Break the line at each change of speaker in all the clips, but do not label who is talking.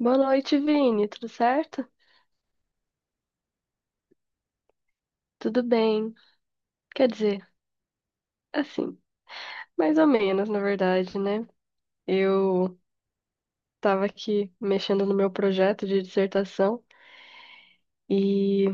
Boa noite, Vini. Tudo certo? Tudo bem. Quer dizer, assim, mais ou menos, na verdade, né? Eu tava aqui mexendo no meu projeto de dissertação e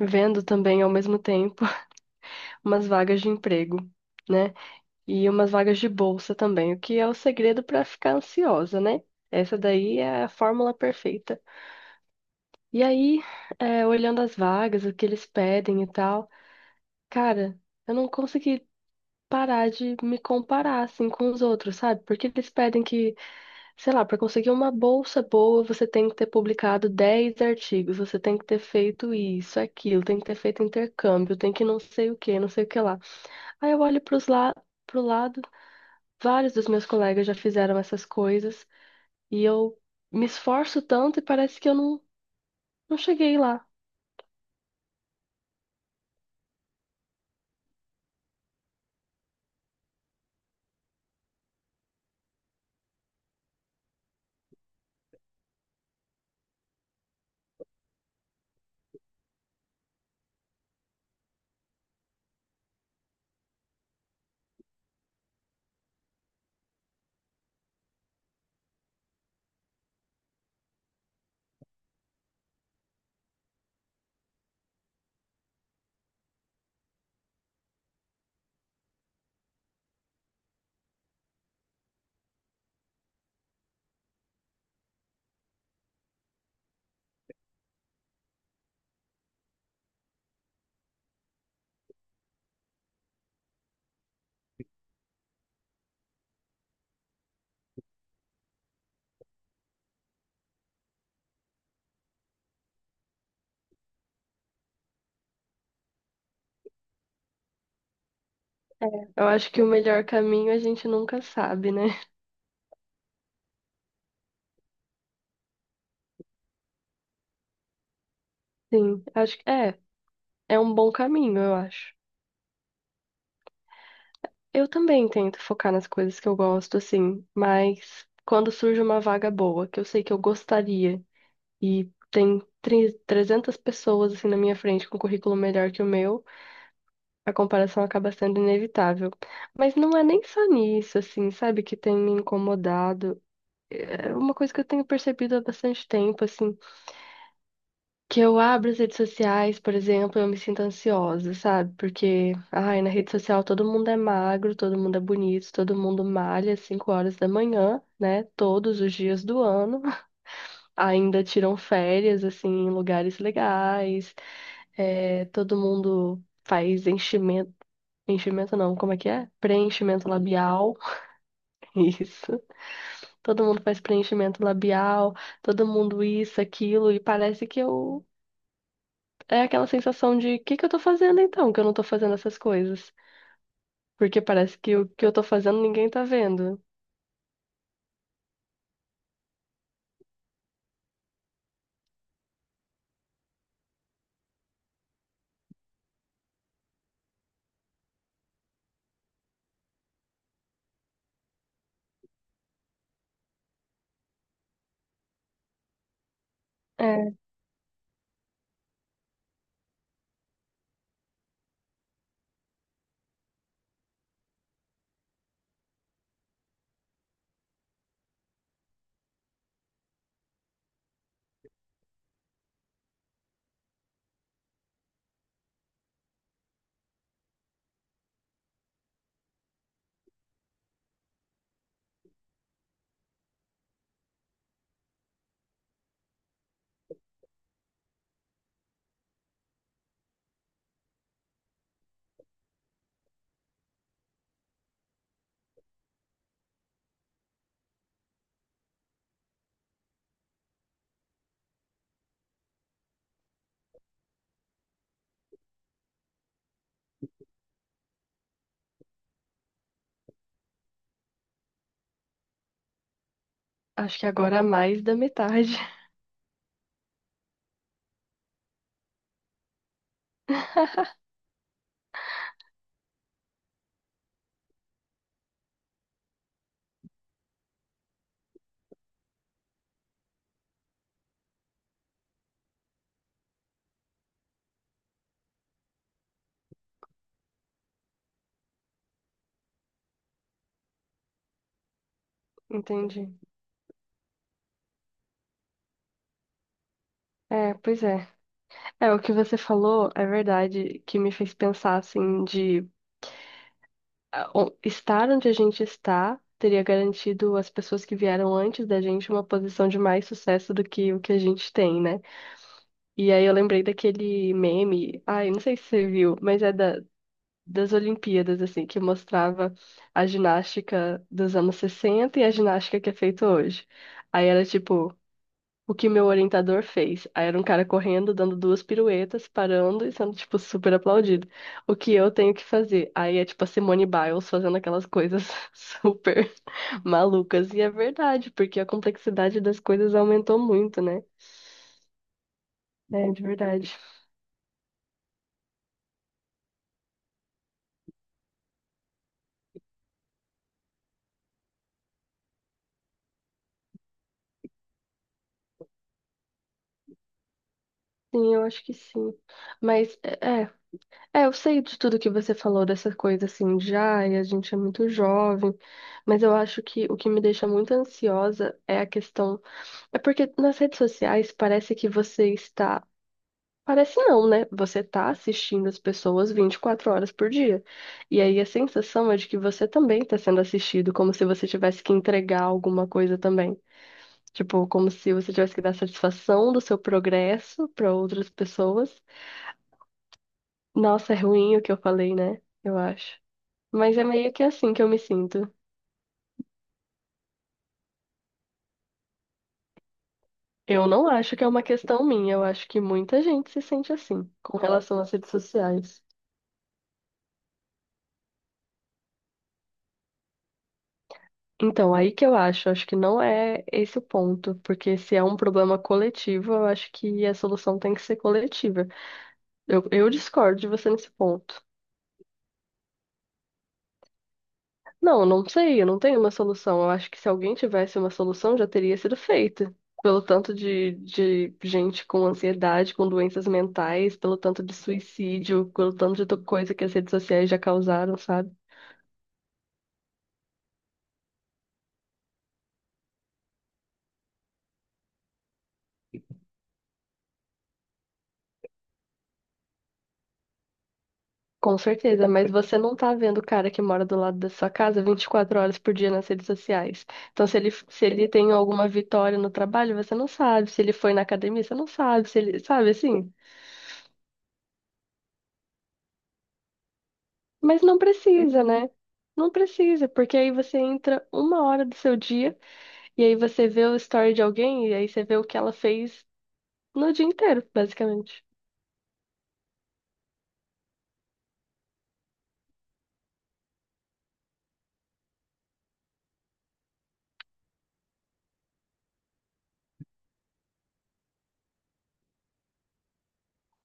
vendo também ao mesmo tempo umas vagas de emprego, né? E umas vagas de bolsa também, o que é o segredo para ficar ansiosa, né? Essa daí é a fórmula perfeita. E aí, olhando as vagas, o que eles pedem e tal, cara, eu não consegui parar de me comparar assim com os outros, sabe? Porque eles pedem que, sei lá, para conseguir uma bolsa boa, você tem que ter publicado 10 artigos, você tem que ter feito isso, aquilo, tem que ter feito intercâmbio, tem que não sei o que, não sei o que lá. Aí eu olho pro lado, vários dos meus colegas já fizeram essas coisas e eu me esforço tanto e parece que eu não cheguei lá. É. Eu acho que o melhor caminho a gente nunca sabe, né? Sim, acho que é um bom caminho, eu acho. Eu também tento focar nas coisas que eu gosto, assim, mas quando surge uma vaga boa, que eu sei que eu gostaria, e tem 300 pessoas, assim, na minha frente com um currículo melhor que o meu, a comparação acaba sendo inevitável. Mas não é nem só nisso, assim, sabe, que tem me incomodado. É uma coisa que eu tenho percebido há bastante tempo, assim que eu abro as redes sociais, por exemplo, eu me sinto ansiosa, sabe? Porque, ai, na rede social todo mundo é magro, todo mundo é bonito, todo mundo malha às 5 horas da manhã, né? Todos os dias do ano. Ainda tiram férias, assim, em lugares legais. É, todo mundo faz enchimento. Enchimento não, como é que é? Preenchimento labial. Isso. Todo mundo faz preenchimento labial, todo mundo isso, aquilo, e parece que eu é aquela sensação de o que que eu tô fazendo então, que eu não tô fazendo essas coisas. Porque parece que o que eu tô fazendo ninguém tá vendo. É, acho que agora é mais da metade. Entendi. É, pois é. É, o que você falou é verdade, que me fez pensar assim de ah, estar onde a gente está teria garantido às pessoas que vieram antes da gente uma posição de mais sucesso do que o que a gente tem, né? E aí eu lembrei daquele meme, ai, não sei se você viu, mas é das Olimpíadas, assim, que mostrava a ginástica dos anos 60 e a ginástica que é feita hoje. Aí era tipo, o que meu orientador fez. Aí era um cara correndo, dando duas piruetas, parando e sendo, tipo, super aplaudido. O que eu tenho que fazer? Aí é tipo a Simone Biles fazendo aquelas coisas super malucas. E é verdade, porque a complexidade das coisas aumentou muito, né? É, de verdade. Sim, eu acho que sim. Mas, eu sei de tudo que você falou dessa coisa assim, já, e a gente é muito jovem, mas eu acho que o que me deixa muito ansiosa é a questão. É porque nas redes sociais parece que você está. Parece não, né? Você está assistindo as pessoas 24 horas por dia. E aí a sensação é de que você também está sendo assistido, como se você tivesse que entregar alguma coisa também. Tipo, como se você tivesse que dar satisfação do seu progresso para outras pessoas. Nossa, é ruim o que eu falei, né? Eu acho. Mas é meio que assim que eu me sinto. Eu não acho que é uma questão minha, eu acho que muita gente se sente assim com relação às redes sociais. Então, aí que acho que não é esse o ponto, porque se é um problema coletivo, eu acho que a solução tem que ser coletiva. Eu discordo de você nesse ponto. Não, eu não sei, eu não tenho uma solução. Eu acho que se alguém tivesse uma solução, já teria sido feita. Pelo tanto de gente com ansiedade, com doenças mentais, pelo tanto de suicídio, pelo tanto de coisa que as redes sociais já causaram, sabe? Com certeza, mas você não tá vendo o cara que mora do lado da sua casa 24 horas por dia nas redes sociais. Então, se ele, se ele tem alguma vitória no trabalho, você não sabe. Se ele foi na academia, você não sabe. Se ele, sabe assim? Mas não precisa, né? Não precisa, porque aí você entra uma hora do seu dia e aí você vê o story de alguém e aí você vê o que ela fez no dia inteiro, basicamente.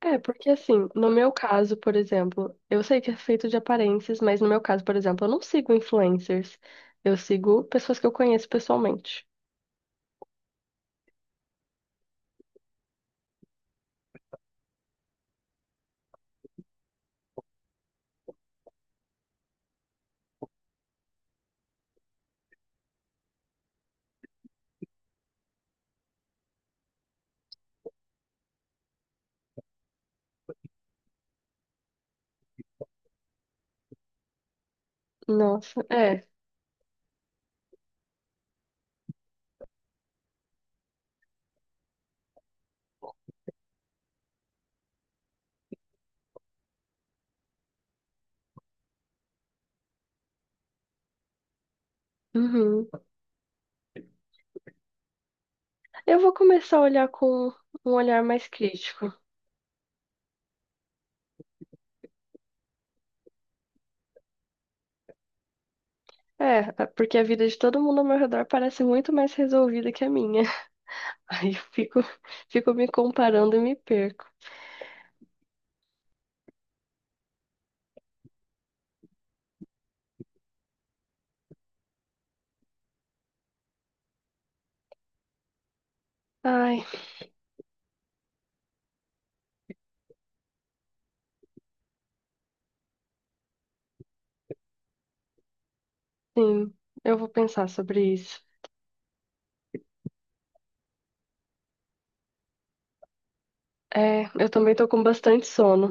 É, porque assim, no meu caso, por exemplo, eu sei que é feito de aparências, mas no meu caso, por exemplo, eu não sigo influencers. Eu sigo pessoas que eu conheço pessoalmente. Nossa, é. Uhum. Eu vou começar a olhar com um olhar mais crítico. É, é, porque a vida de todo mundo ao meu redor parece muito mais resolvida que a minha. Aí eu fico me comparando e me perco. Ai, sim, eu vou pensar sobre isso. É, eu também tô com bastante sono,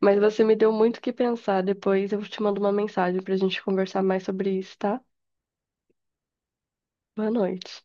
mas você me deu muito o que pensar. Depois eu te mando uma mensagem pra gente conversar mais sobre isso, tá? Boa noite.